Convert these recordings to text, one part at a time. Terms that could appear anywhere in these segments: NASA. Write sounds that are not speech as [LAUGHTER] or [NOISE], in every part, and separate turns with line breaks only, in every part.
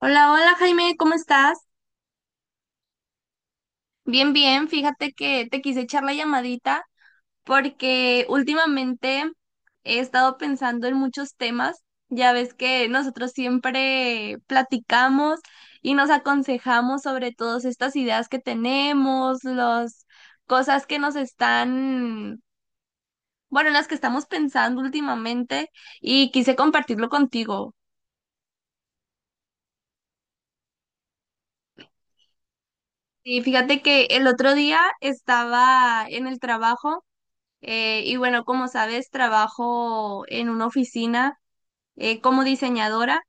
Hola, hola Jaime, ¿cómo estás? Bien, bien, fíjate que te quise echar la llamadita porque últimamente he estado pensando en muchos temas. Ya ves que nosotros siempre platicamos y nos aconsejamos sobre todas estas ideas que tenemos, las cosas que nos están, bueno, en las que estamos pensando últimamente y quise compartirlo contigo. Y fíjate que el otro día estaba en el trabajo. Y bueno, como sabes, trabajo en una oficina como diseñadora.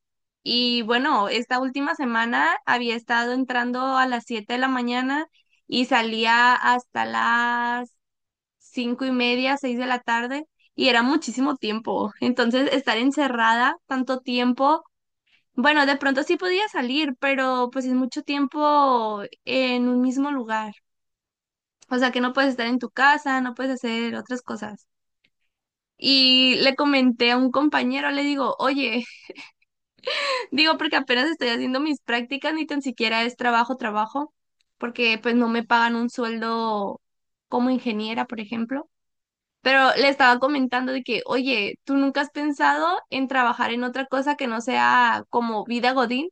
Y bueno, esta última semana había estado entrando a las 7 de la mañana y salía hasta las 5 y media, 6 de la tarde. Y era muchísimo tiempo. Entonces, estar encerrada tanto tiempo, bueno, de pronto sí podía salir, pero pues es mucho tiempo en un mismo lugar. O sea que no puedes estar en tu casa, no puedes hacer otras cosas. Y le comenté a un compañero, le digo, oye, [LAUGHS] digo porque apenas estoy haciendo mis prácticas, ni tan siquiera es trabajo, trabajo, porque pues no me pagan un sueldo como ingeniera, por ejemplo. Pero le estaba comentando de que, oye, ¿tú nunca has pensado en trabajar en otra cosa que no sea como vida godín,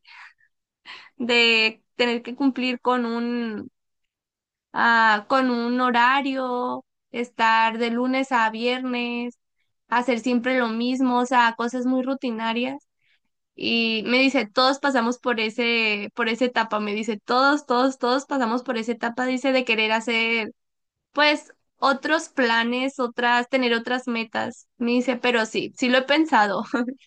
de tener que cumplir con un, ah, con un horario, estar de lunes a viernes, hacer siempre lo mismo, o sea, cosas muy rutinarias? Y me dice, todos pasamos por ese, por esa etapa, me dice, todos, todos, todos pasamos por esa etapa, dice, de querer hacer, pues, otros planes, otras, tener otras metas. Me dice, pero sí, sí lo he pensado. [LAUGHS]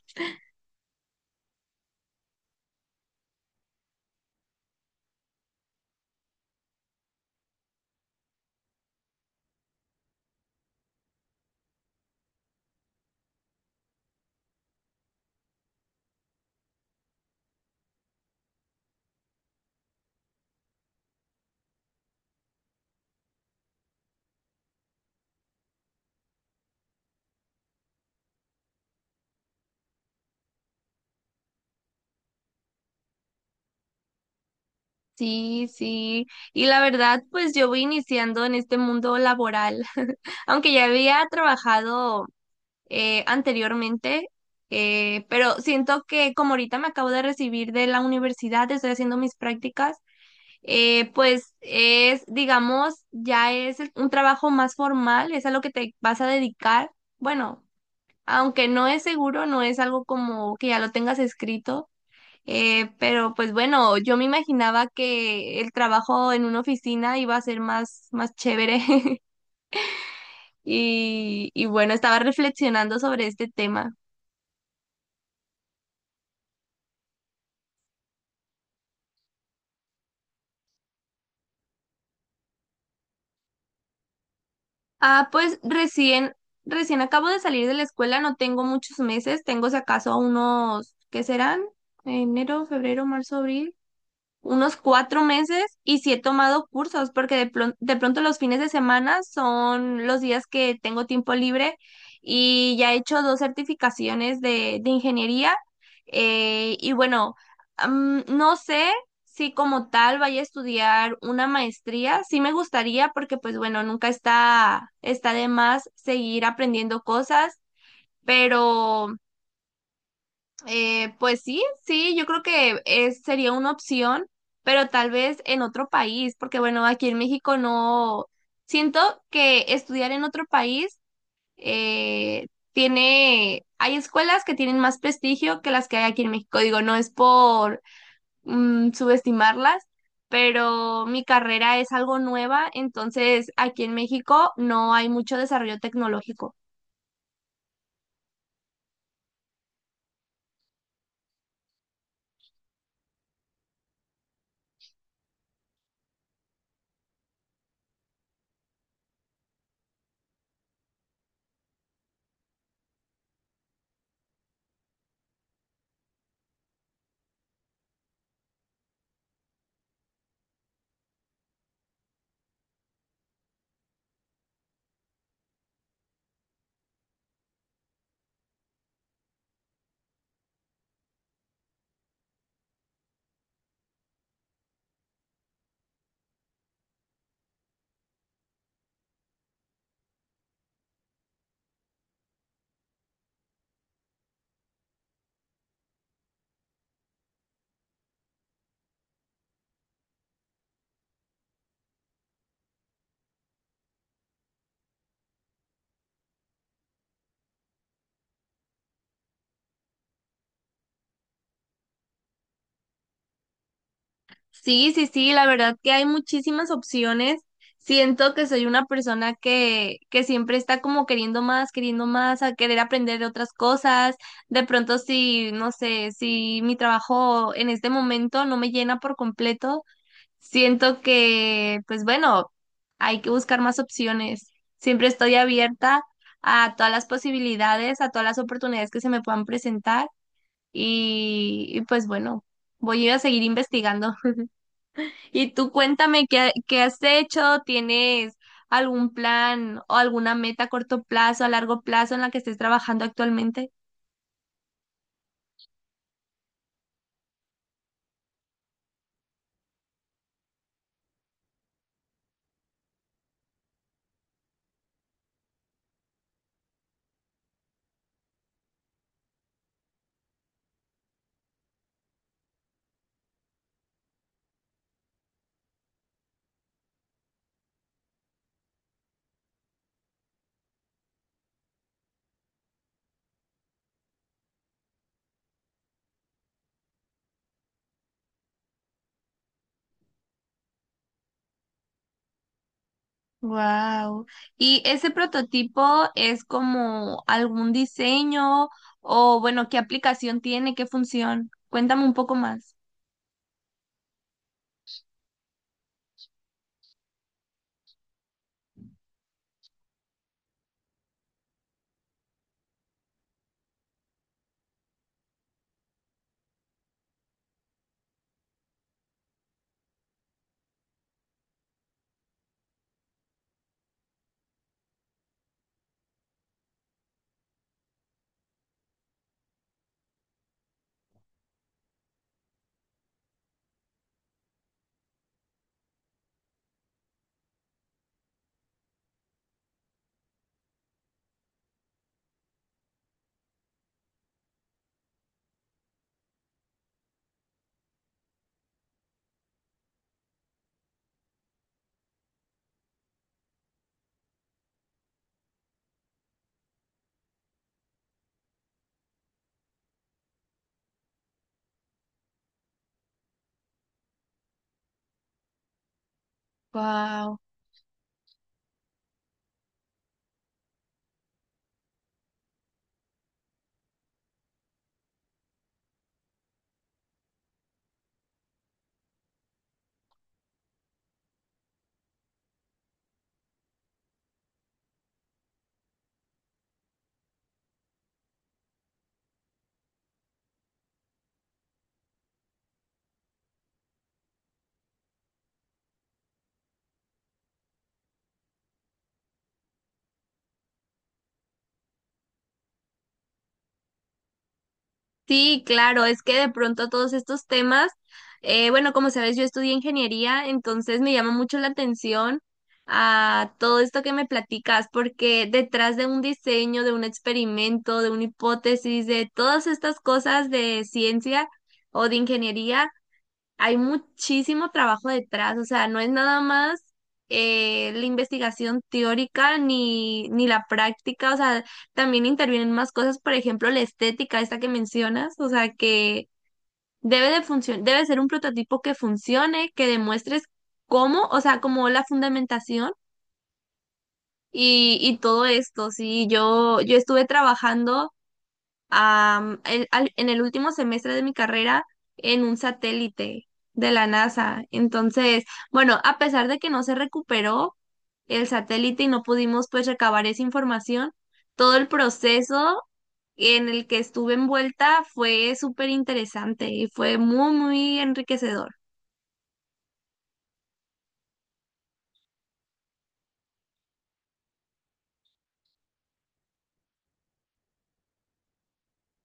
Sí, sí. Y la verdad, pues yo voy iniciando en este mundo laboral, [LAUGHS] aunque ya había trabajado anteriormente, pero siento que como ahorita me acabo de recibir de la universidad, estoy haciendo mis prácticas. Pues es, digamos, ya es un trabajo más formal, es a lo que te vas a dedicar. Bueno, aunque no es seguro, no es algo como que ya lo tengas escrito, pero pues bueno, yo me imaginaba que el trabajo en una oficina iba a ser más, más chévere [LAUGHS] y bueno, estaba reflexionando sobre este tema. Ah, pues recién, recién acabo de salir de la escuela, no tengo muchos meses, tengo si acaso unos, ¿qué serán? Enero, febrero, marzo, abril, unos 4 meses y sí he tomado cursos porque de, de pronto los fines de semana son los días que tengo tiempo libre y ya he hecho dos certificaciones de ingeniería y bueno, no sé si como tal vaya a estudiar una maestría, sí me gustaría porque pues bueno, nunca está, está de más seguir aprendiendo cosas, pero... pues sí, sí, yo creo que es, sería una opción, pero tal vez en otro país, porque bueno, aquí en México no, siento que estudiar en otro país eh, tiene, hay escuelas que tienen más prestigio que las que hay aquí en México. Digo, no es por subestimarlas, pero mi carrera es algo nueva, entonces aquí en México no hay mucho desarrollo tecnológico. Sí, sí, sí, la verdad que hay muchísimas opciones. Siento que soy una persona que siempre está como queriendo más, a querer aprender de otras cosas. De pronto, si, no sé, si mi trabajo en este momento no me llena por completo, siento que, pues bueno, hay que buscar más opciones. Siempre estoy abierta a todas las posibilidades, a todas las oportunidades que se me puedan presentar y pues bueno, voy a seguir investigando. Y tú cuéntame qué, qué has hecho, ¿tienes algún plan o alguna meta a corto plazo, a largo plazo en la que estés trabajando actualmente? Wow. ¿Y ese prototipo es como algún diseño o bueno, qué aplicación tiene, qué función? Cuéntame un poco más. Wow. Sí, claro, es que de pronto todos estos temas, bueno, como sabes, yo estudié ingeniería, entonces me llama mucho la atención a todo esto que me platicas, porque detrás de un diseño, de un experimento, de una hipótesis, de todas estas cosas de ciencia o de ingeniería, hay muchísimo trabajo detrás, o sea, no es nada más la investigación teórica ni, ni la práctica, o sea, también intervienen más cosas, por ejemplo, la estética, esta que mencionas, o sea, que debe de funcionar, debe ser un prototipo que funcione, que demuestres cómo, o sea, como la fundamentación y todo esto, sí, yo estuve trabajando en el último semestre de mi carrera en un satélite de la NASA. Entonces, bueno, a pesar de que no se recuperó el satélite y no pudimos pues recabar esa información, todo el proceso en el que estuve envuelta fue súper interesante y fue muy, muy enriquecedor.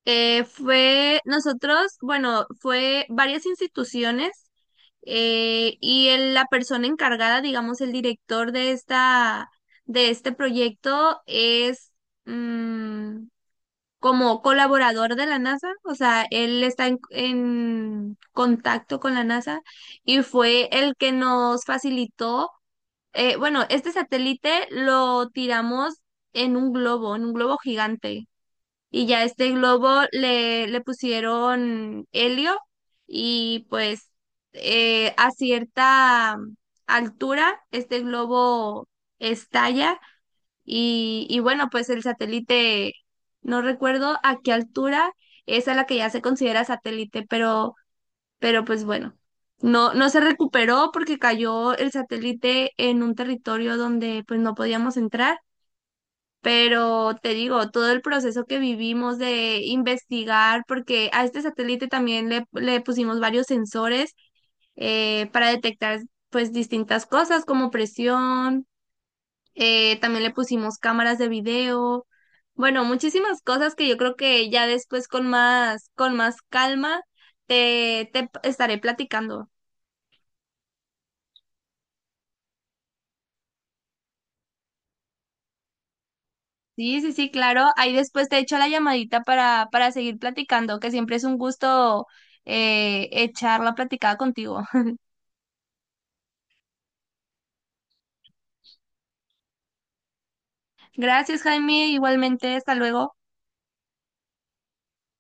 Fue nosotros, bueno, fue varias instituciones. La persona encargada, digamos, el director de esta, de este proyecto es mm, como colaborador de la NASA, o sea, él está en contacto con la NASA y fue el que nos facilitó, bueno, este satélite lo tiramos en un globo gigante. Y ya este globo le, le pusieron helio y pues a cierta altura este globo estalla y bueno, pues el satélite, no recuerdo a qué altura es a la que ya se considera satélite, pero pues bueno, no, no se recuperó porque cayó el satélite en un territorio donde pues no podíamos entrar, pero te digo, todo el proceso que vivimos de investigar, porque a este satélite también le pusimos varios sensores para detectar pues distintas cosas como presión, también le pusimos cámaras de video, bueno, muchísimas cosas que yo creo que ya después con más calma te, te estaré platicando. Sí, sí, sí, claro. Ahí después te echo la llamadita para seguir platicando, que siempre es un gusto echar la platicada contigo. [LAUGHS] Gracias, Jaime. Igualmente, hasta luego.